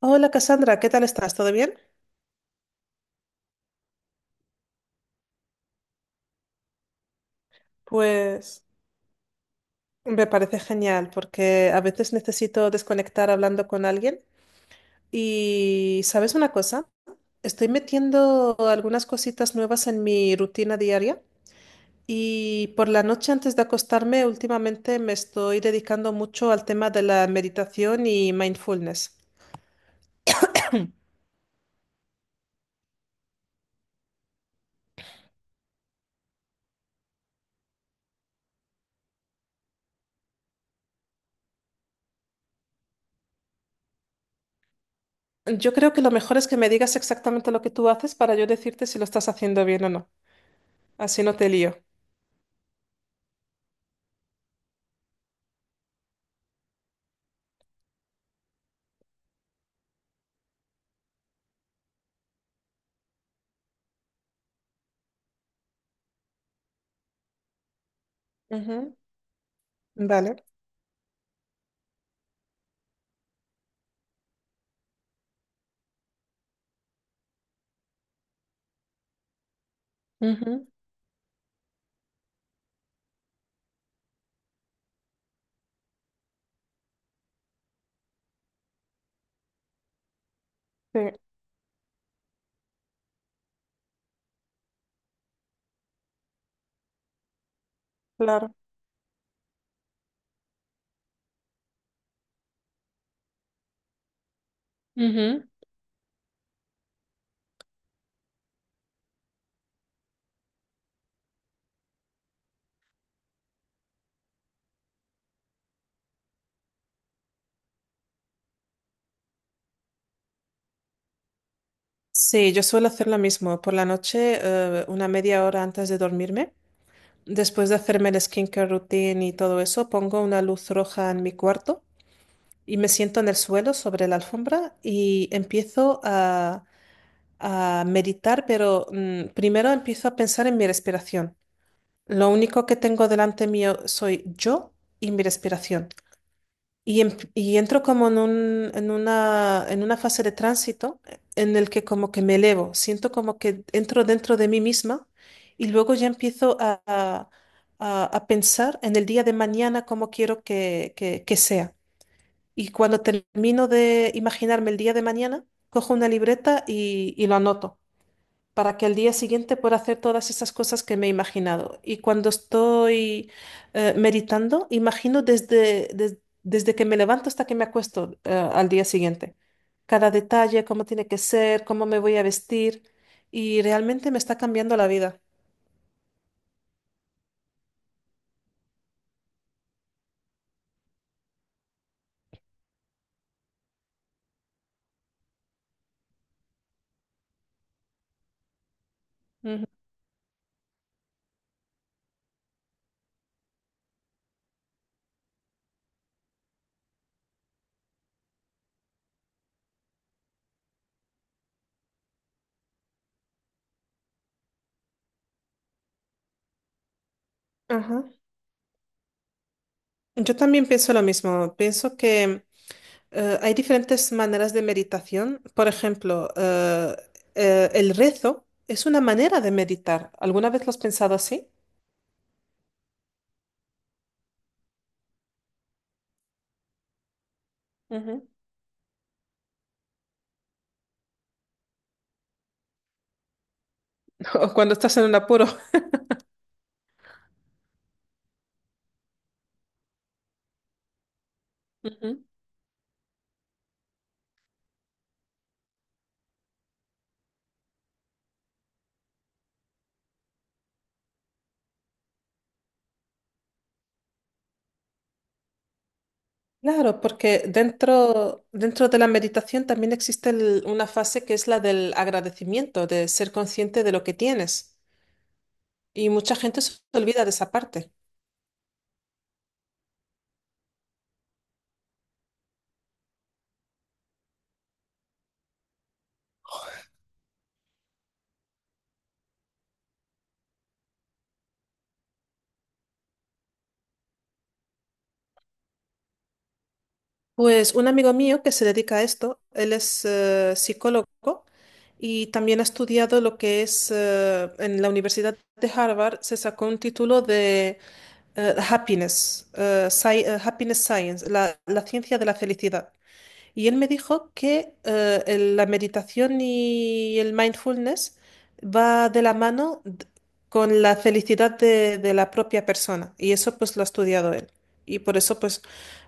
Hola Cassandra, ¿qué tal estás? ¿Todo bien? Pues me parece genial porque a veces necesito desconectar hablando con alguien. Y ¿sabes una cosa? Estoy metiendo algunas cositas nuevas en mi rutina diaria y por la noche antes de acostarme últimamente me estoy dedicando mucho al tema de la meditación y mindfulness. Yo creo que lo mejor es que me digas exactamente lo que tú haces para yo decirte si lo estás haciendo bien o no. Así no te lío. Ujú. Vale. Ujú. Sí, claro. Ujú. Sí, yo suelo hacer lo mismo. Por la noche, una media hora antes de dormirme, después de hacerme el skincare routine y todo eso, pongo una luz roja en mi cuarto y me siento en el suelo sobre la alfombra y empiezo a meditar, pero primero empiezo a pensar en mi respiración. Lo único que tengo delante mío soy yo y mi respiración. Y y entro como en un- en una fase de tránsito en el que como que me elevo, siento como que entro dentro de mí misma y luego ya empiezo a pensar en el día de mañana cómo quiero que que sea. Y cuando termino de imaginarme el día de mañana, cojo una libreta y lo anoto para que al día siguiente pueda hacer todas esas cosas que me he imaginado. Y cuando estoy meditando, imagino desde, desde que me levanto hasta que me acuesto, al día siguiente. Cada detalle, cómo tiene que ser, cómo me voy a vestir. Y realmente me está cambiando la vida. Ujú. Ajá. Yo también pienso lo mismo. Hay diferentes maneras de meditación. Por ejemplo, el rezo es una manera de meditar. ¿Alguna vez lo has pensado así? Ujú. O cuando estás en un apuro. Ujú. Claro, porque dentro de la meditación también existe una fase que es la del agradecimiento, de ser consciente de lo que tienes. Y mucha gente se olvida de esa parte. Pues un amigo mío que se dedica a esto, él es psicólogo y también ha estudiado lo que es, en la Universidad de Harvard, se sacó un título de Happiness, Happiness Science, la ciencia de la felicidad. Y él me dijo que la meditación y el mindfulness va de la mano con la felicidad de la propia persona. Y eso pues lo ha estudiado él. Y por eso pues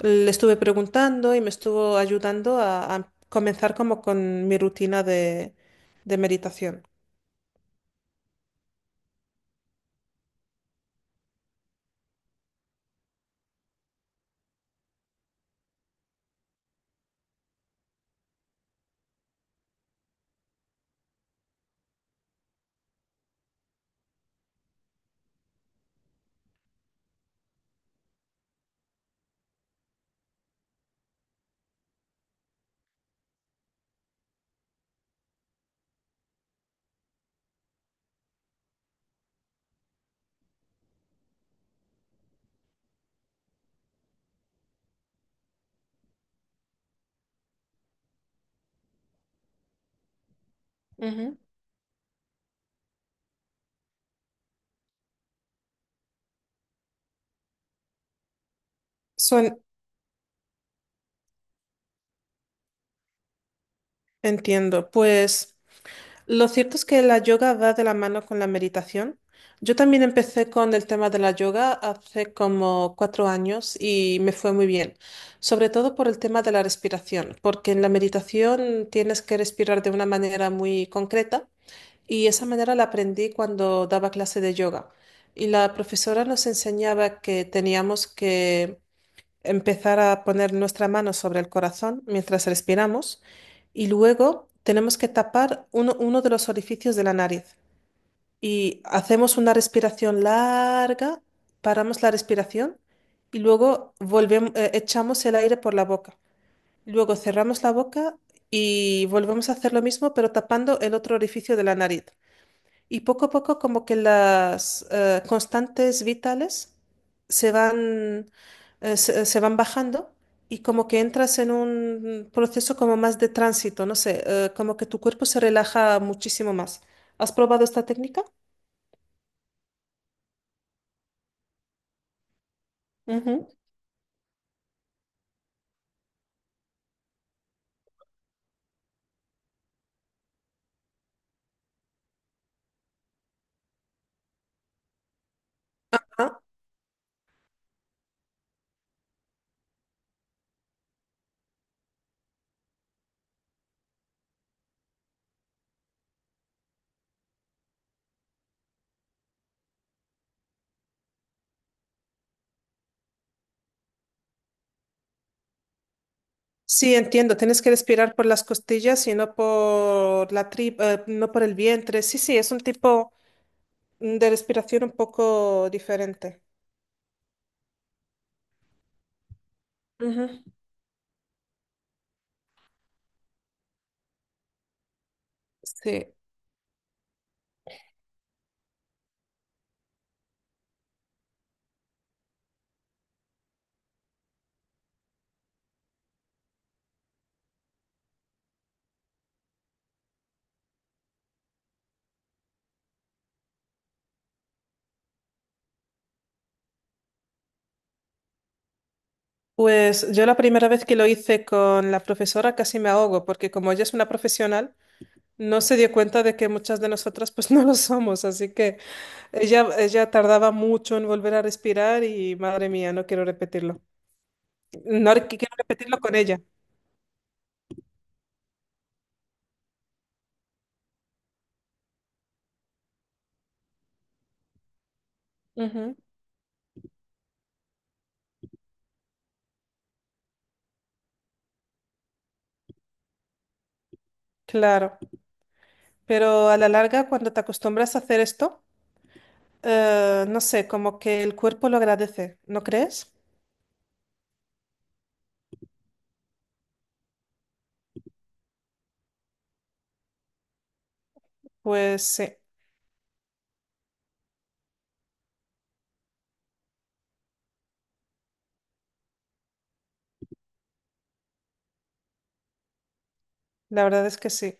le estuve preguntando y me estuvo ayudando a comenzar como con mi rutina de meditación. Ujú. Suen- Entiendo. Pues, lo cierto es que la yoga va de la mano con la meditación. Yo también empecé con el tema de la yoga hace como 4 años y me fue muy bien, sobre todo por el tema de la respiración, porque en la meditación tienes que respirar de una manera muy concreta y esa manera la aprendí cuando daba clase de yoga. Y la profesora nos enseñaba que teníamos que empezar a poner nuestra mano sobre el corazón mientras respiramos y luego tenemos que tapar uno de los orificios de la nariz. Y hacemos una respiración larga, paramos la respiración y luego volvemos, echamos el aire por la boca. Luego cerramos la boca y volvemos a hacer lo mismo, pero tapando el otro orificio de la nariz. Y poco a poco como que las constantes vitales se van, se van bajando y como que entras en un proceso como más de tránsito, no sé, como que tu cuerpo se relaja muchísimo más. ¿Has probado esta técnica? Ujú. Ah, sí, entiendo, tienes que respirar por las costillas y no por la tripa, no por el vientre. Sí, sí, es un tipo de respiración un poco diferente. Ujú. Sí. Pues yo la primera vez que lo hice con la profesora casi me ahogo, porque como ella es una profesional, no se dio cuenta de que muchas de nosotras pues no lo somos, así que ella tardaba mucho en volver a respirar y madre mía, no quiero repetirlo. No quiero repetirlo con ella. Ujú. Claro, pero a la larga cuando te acostumbras a hacer esto, no sé, como que el cuerpo lo agradece, ¿no crees? Pues sí, la verdad es que sí.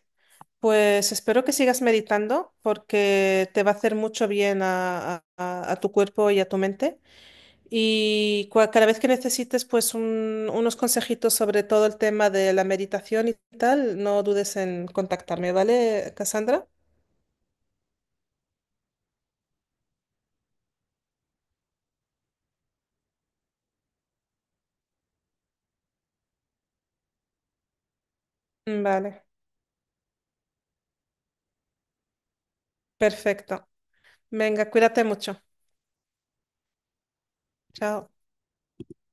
Pues espero que sigas meditando porque te va a hacer mucho bien a tu cuerpo y a tu mente. Y cada vez que necesites pues unos consejitos sobre todo el tema de la meditación y tal, no dudes en contactarme, ¿vale, Cassandra? Mm, vale, perfecto. Venga, cuídate mucho. Chao.